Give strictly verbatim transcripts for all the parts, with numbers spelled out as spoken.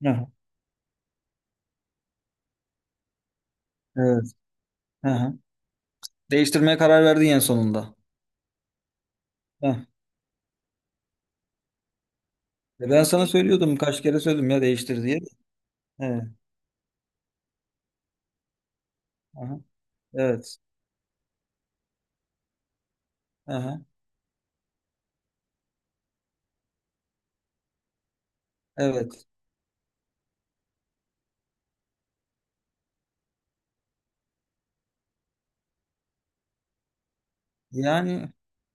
Heh, evet. Hı hı. Değiştirmeye karar verdin en sonunda. Heh. E, ben sana söylüyordum kaç kere söyledim ya değiştir diye. Evet. Aha. Evet. Aha. Evet. Yani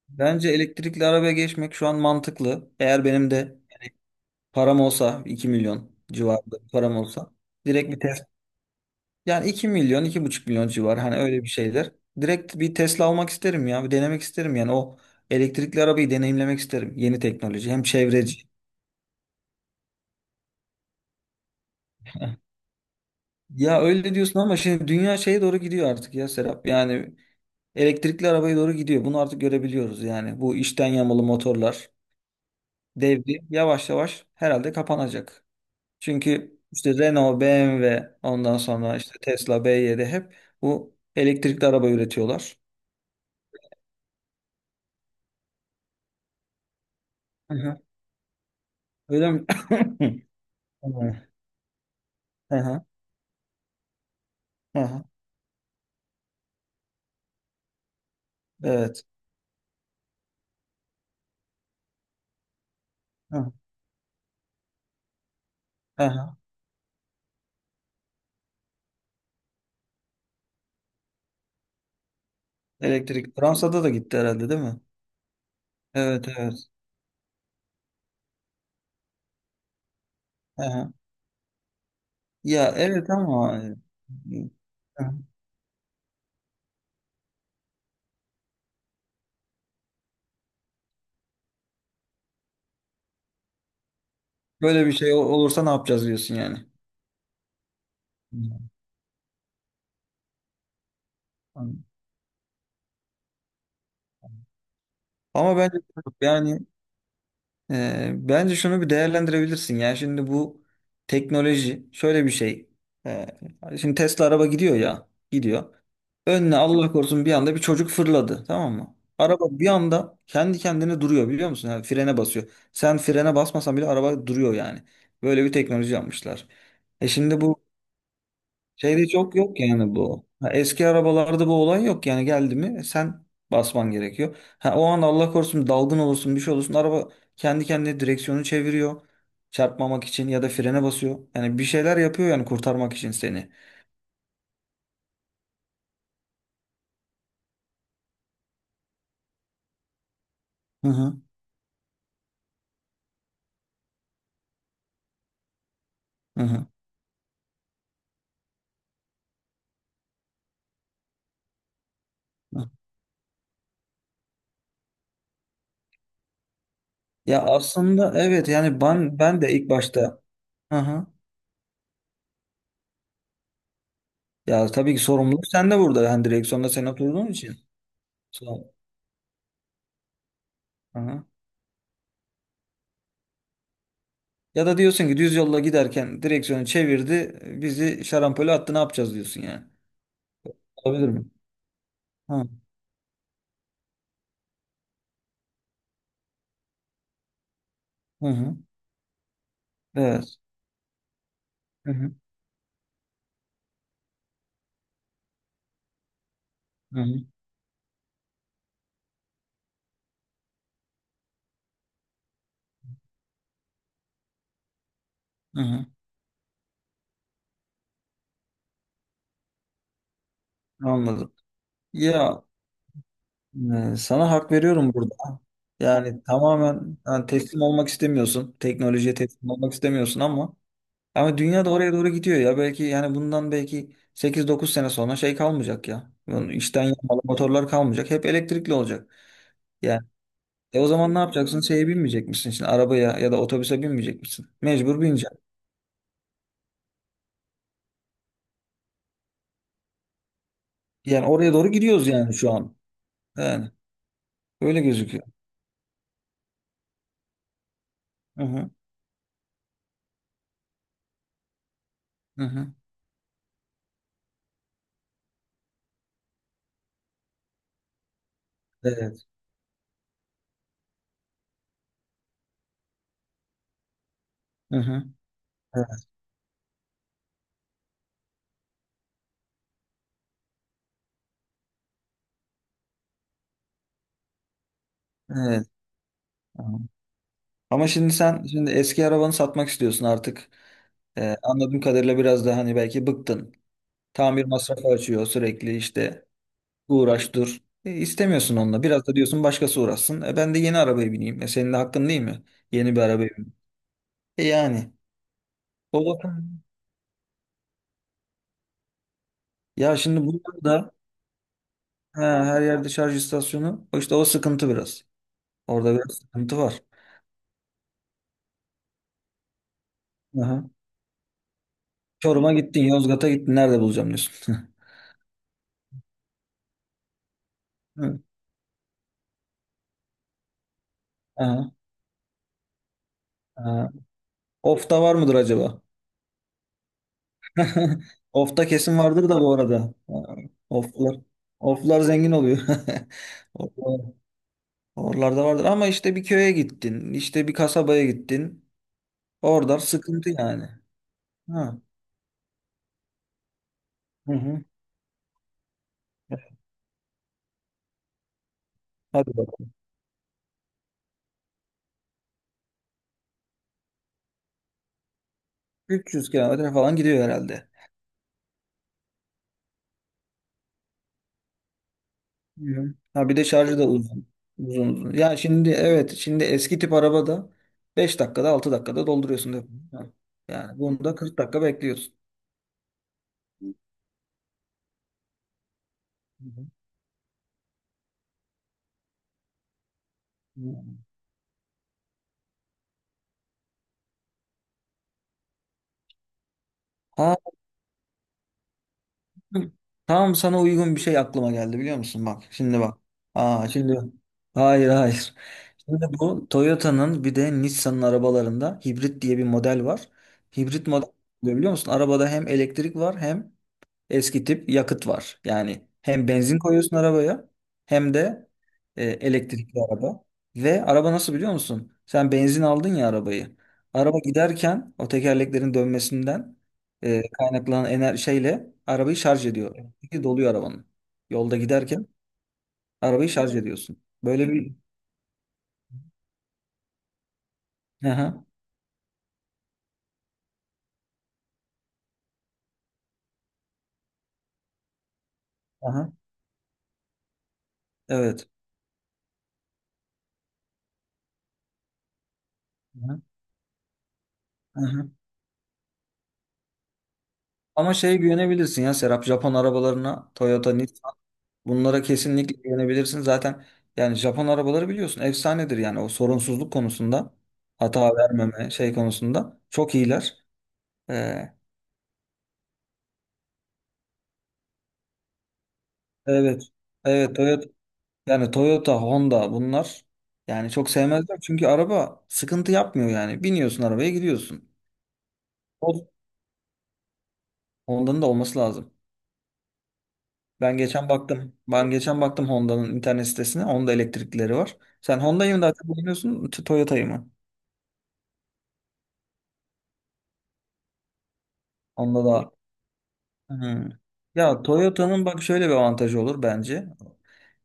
bence elektrikli arabaya geçmek şu an mantıklı. Eğer benim de yani param olsa iki milyon civarında bir param olsa direkt bir Tesla. Yani iki milyon iki buçuk milyon civar hani öyle bir şeyler. Direkt bir Tesla almak isterim ya. Bir denemek isterim yani o elektrikli arabayı deneyimlemek isterim. Yeni teknoloji hem çevreci. Ya öyle diyorsun ama şimdi dünya şeye doğru gidiyor artık ya Serap. Yani elektrikli arabaya doğru gidiyor. Bunu artık görebiliyoruz yani. Bu içten yanmalı motorlar devri yavaş yavaş herhalde kapanacak. Çünkü işte Renault, B M W, ondan sonra işte Tesla, B Y D hep bu elektrikli araba üretiyorlar. Hı hı. Öyle mi? Hı hı. Hı hı. Evet. Hı hı. Hı hı. Elektrik Fransa'da da gitti herhalde değil mi? Evet evet. Hı hı. Ya evet ama e, hı. Böyle bir şey ol- olursa ne yapacağız diyorsun yani. Anladım. Ama bence yani e, bence şunu bir değerlendirebilirsin. Yani şimdi bu teknoloji şöyle bir şey. E, şimdi Tesla araba gidiyor ya, gidiyor. Önüne Allah korusun bir anda bir çocuk fırladı, tamam mı? Araba bir anda kendi kendine duruyor biliyor musun? Yani frene basıyor. Sen frene basmasan bile araba duruyor yani. Böyle bir teknoloji yapmışlar. E şimdi bu şeyde çok yok yani bu. Ha, eski arabalarda bu olay yok yani geldi mi sen basman gerekiyor. Ha, o an Allah korusun dalgın olursun bir şey olursun araba kendi kendine direksiyonu çeviriyor. Çarpmamak için ya da frene basıyor. Yani bir şeyler yapıyor yani kurtarmak için seni. Hı hı hı hı. Hı. Ya aslında evet yani ben ben de ilk başta hı hı. Ya tabii ki sorumluluk sende burada. Yani direksiyonda sen oturduğun için. So- Hı hı. Ya da diyorsun ki düz yolla giderken direksiyonu çevirdi, bizi şarampole attı ne yapacağız diyorsun yani. Olabilir mi? Ha, hı hı. Evet. Hı hı. Hı hı. Hı hı. Anladım. Ya e, sana hak veriyorum burada. Yani tamamen yani teslim olmak istemiyorsun. Teknolojiye teslim olmak istemiyorsun ama ama dünya da oraya doğru gidiyor ya. Belki yani bundan belki sekiz dokuz sene sonra şey kalmayacak ya. Yani içten yanmalı motorlar kalmayacak. Hep elektrikli olacak. Yani e o zaman ne yapacaksın? Şeye binmeyecek misin? Şimdi arabaya ya da otobüse binmeyecek misin? Mecbur bineceksin. Yani oraya doğru gidiyoruz yani şu an. Yani öyle gözüküyor. Hı hı. Hı hı. Evet. Hı hı. Evet. Evet. Tamam. Ama şimdi sen şimdi eski arabanı satmak istiyorsun artık. Ee, anladığım kadarıyla biraz da hani belki bıktın. Tamir masrafı açıyor sürekli işte uğraş dur. E, istemiyorsun onunla. Biraz da diyorsun başkası uğraşsın. E, ben de yeni arabaya bineyim. E, senin de hakkın değil mi? Yeni bir arabaya bineyim. E, yani. O bakım. Ya şimdi burada da he, her yerde şarj istasyonu. O işte o sıkıntı biraz. Orada biraz sıkıntı var. Aha. Çorum'a gittin, Yozgat'a gittin. Nerede bulacağım diyorsun. Aha, aha. Ofta var mıdır acaba? Ofta kesin vardır da bu arada. Ha, oflar, oflar zengin oluyor. Oflar- Oralarda vardır ama işte bir köye gittin, işte bir kasabaya gittin. Orada sıkıntı yani. Ha. Hı hı. Hadi bakalım. üç yüz kilometre falan gidiyor herhalde. Hı. Ha bir de şarjı da uzun. Uzun uzun. Ya şimdi evet şimdi eski tip arabada beş dakikada altı dakikada dolduruyorsun, değil mi? Ha. Yani bunda kırk dakika bekliyorsun. Ha, tam sana uygun bir şey aklıma geldi biliyor musun? Bak şimdi bak. Aa şimdi hayır hayır. Şimdi bu Toyota'nın bir de Nissan'ın arabalarında hibrit diye bir model var. Hibrit model ne biliyor musun? Arabada hem elektrik var hem eski tip yakıt var. Yani hem benzin koyuyorsun arabaya hem de e, elektrikli araba. Ve araba nasıl biliyor musun? Sen benzin aldın ya arabayı. Araba giderken o tekerleklerin dönmesinden e, kaynaklanan ener şeyle arabayı şarj ediyor. Elektriği doluyor arabanın. Yolda giderken arabayı şarj ediyorsun. Böyle bir... Aha, aha, evet. Aha, aha. Ama şey güvenebilirsin ya Serap Japon arabalarına Toyota, Nissan. Bunlara kesinlikle güvenebilirsin. Zaten yani Japon arabaları biliyorsun efsanedir yani o sorunsuzluk konusunda hata vermeme şey konusunda çok iyiler. Ee, evet. Evet Toyota yani Toyota, Honda bunlar yani çok sevmezler çünkü araba sıkıntı yapmıyor yani. Biniyorsun arabaya gidiyorsun. O Honda'nın da olması lazım. Ben geçen baktım. Ben geçen baktım Honda'nın internet sitesine. Honda elektriklileri var. Sen Honda'yı mı daha çok beğeniyorsun, Toyota'yı mı? Honda da hmm. Ya Toyota'nın bak şöyle bir avantajı olur bence.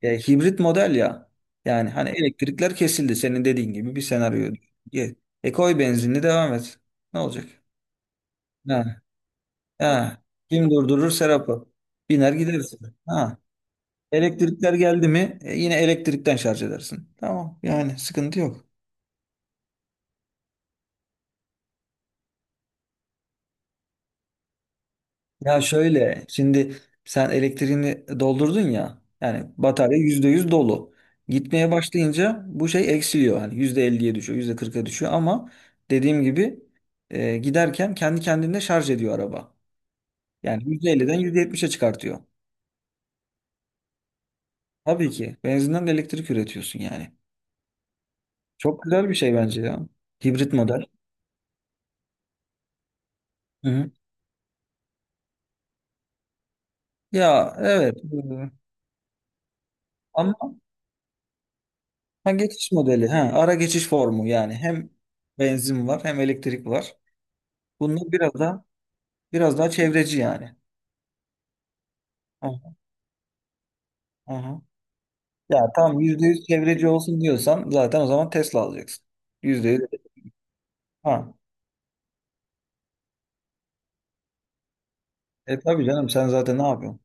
Ya, hibrit model ya. Yani hani elektrikler kesildi senin dediğin gibi bir senaryo. Ye- E koy benzinli devam et. Ne olacak? Ha, ha. Kim durdurur Serap'ı? Biner gidersin. Ha. Elektrikler geldi mi e, yine elektrikten şarj edersin. Tamam yani sıkıntı yok. Ya şöyle şimdi sen elektriğini doldurdun ya yani batarya yüzde yüz dolu. Gitmeye başlayınca bu şey eksiliyor. Hani yüzde elliye düşüyor, yüzde kırk'a düşüyor ama dediğim gibi e, giderken kendi kendine şarj ediyor araba. Yani yüzde elli'den yüzde yetmiş'e çıkartıyor. Tabii ki benzinden de elektrik üretiyorsun yani. Çok güzel bir şey bence ya. Hibrit model. Hı hı. Ya evet e, ama ha, geçiş modeli ha, ara geçiş formu yani hem benzin var hem elektrik var. Bunlar biraz daha biraz daha çevreci yani. Aha, aha. Ya tamam yüzde yüz çevreci olsun diyorsan zaten o zaman Tesla alacaksın. yüzde yüz. Ha. E tabii canım sen zaten ne yapıyorsun?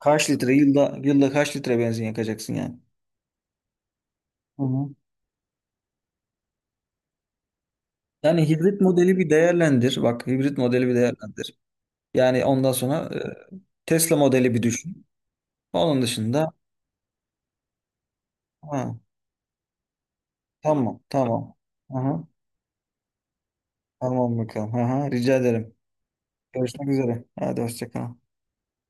Kaç litre yılda yılda kaç litre benzin yakacaksın yani? Hı hı. Yani hibrit modeli bir değerlendir. Bak hibrit modeli bir değerlendir. Yani ondan sonra e, Tesla modeli bir düşün. Onun dışında ha, tamam tamam. Aha, tamam bakalım. Aha, rica ederim. Görüşmek üzere. Hadi hoşça kal.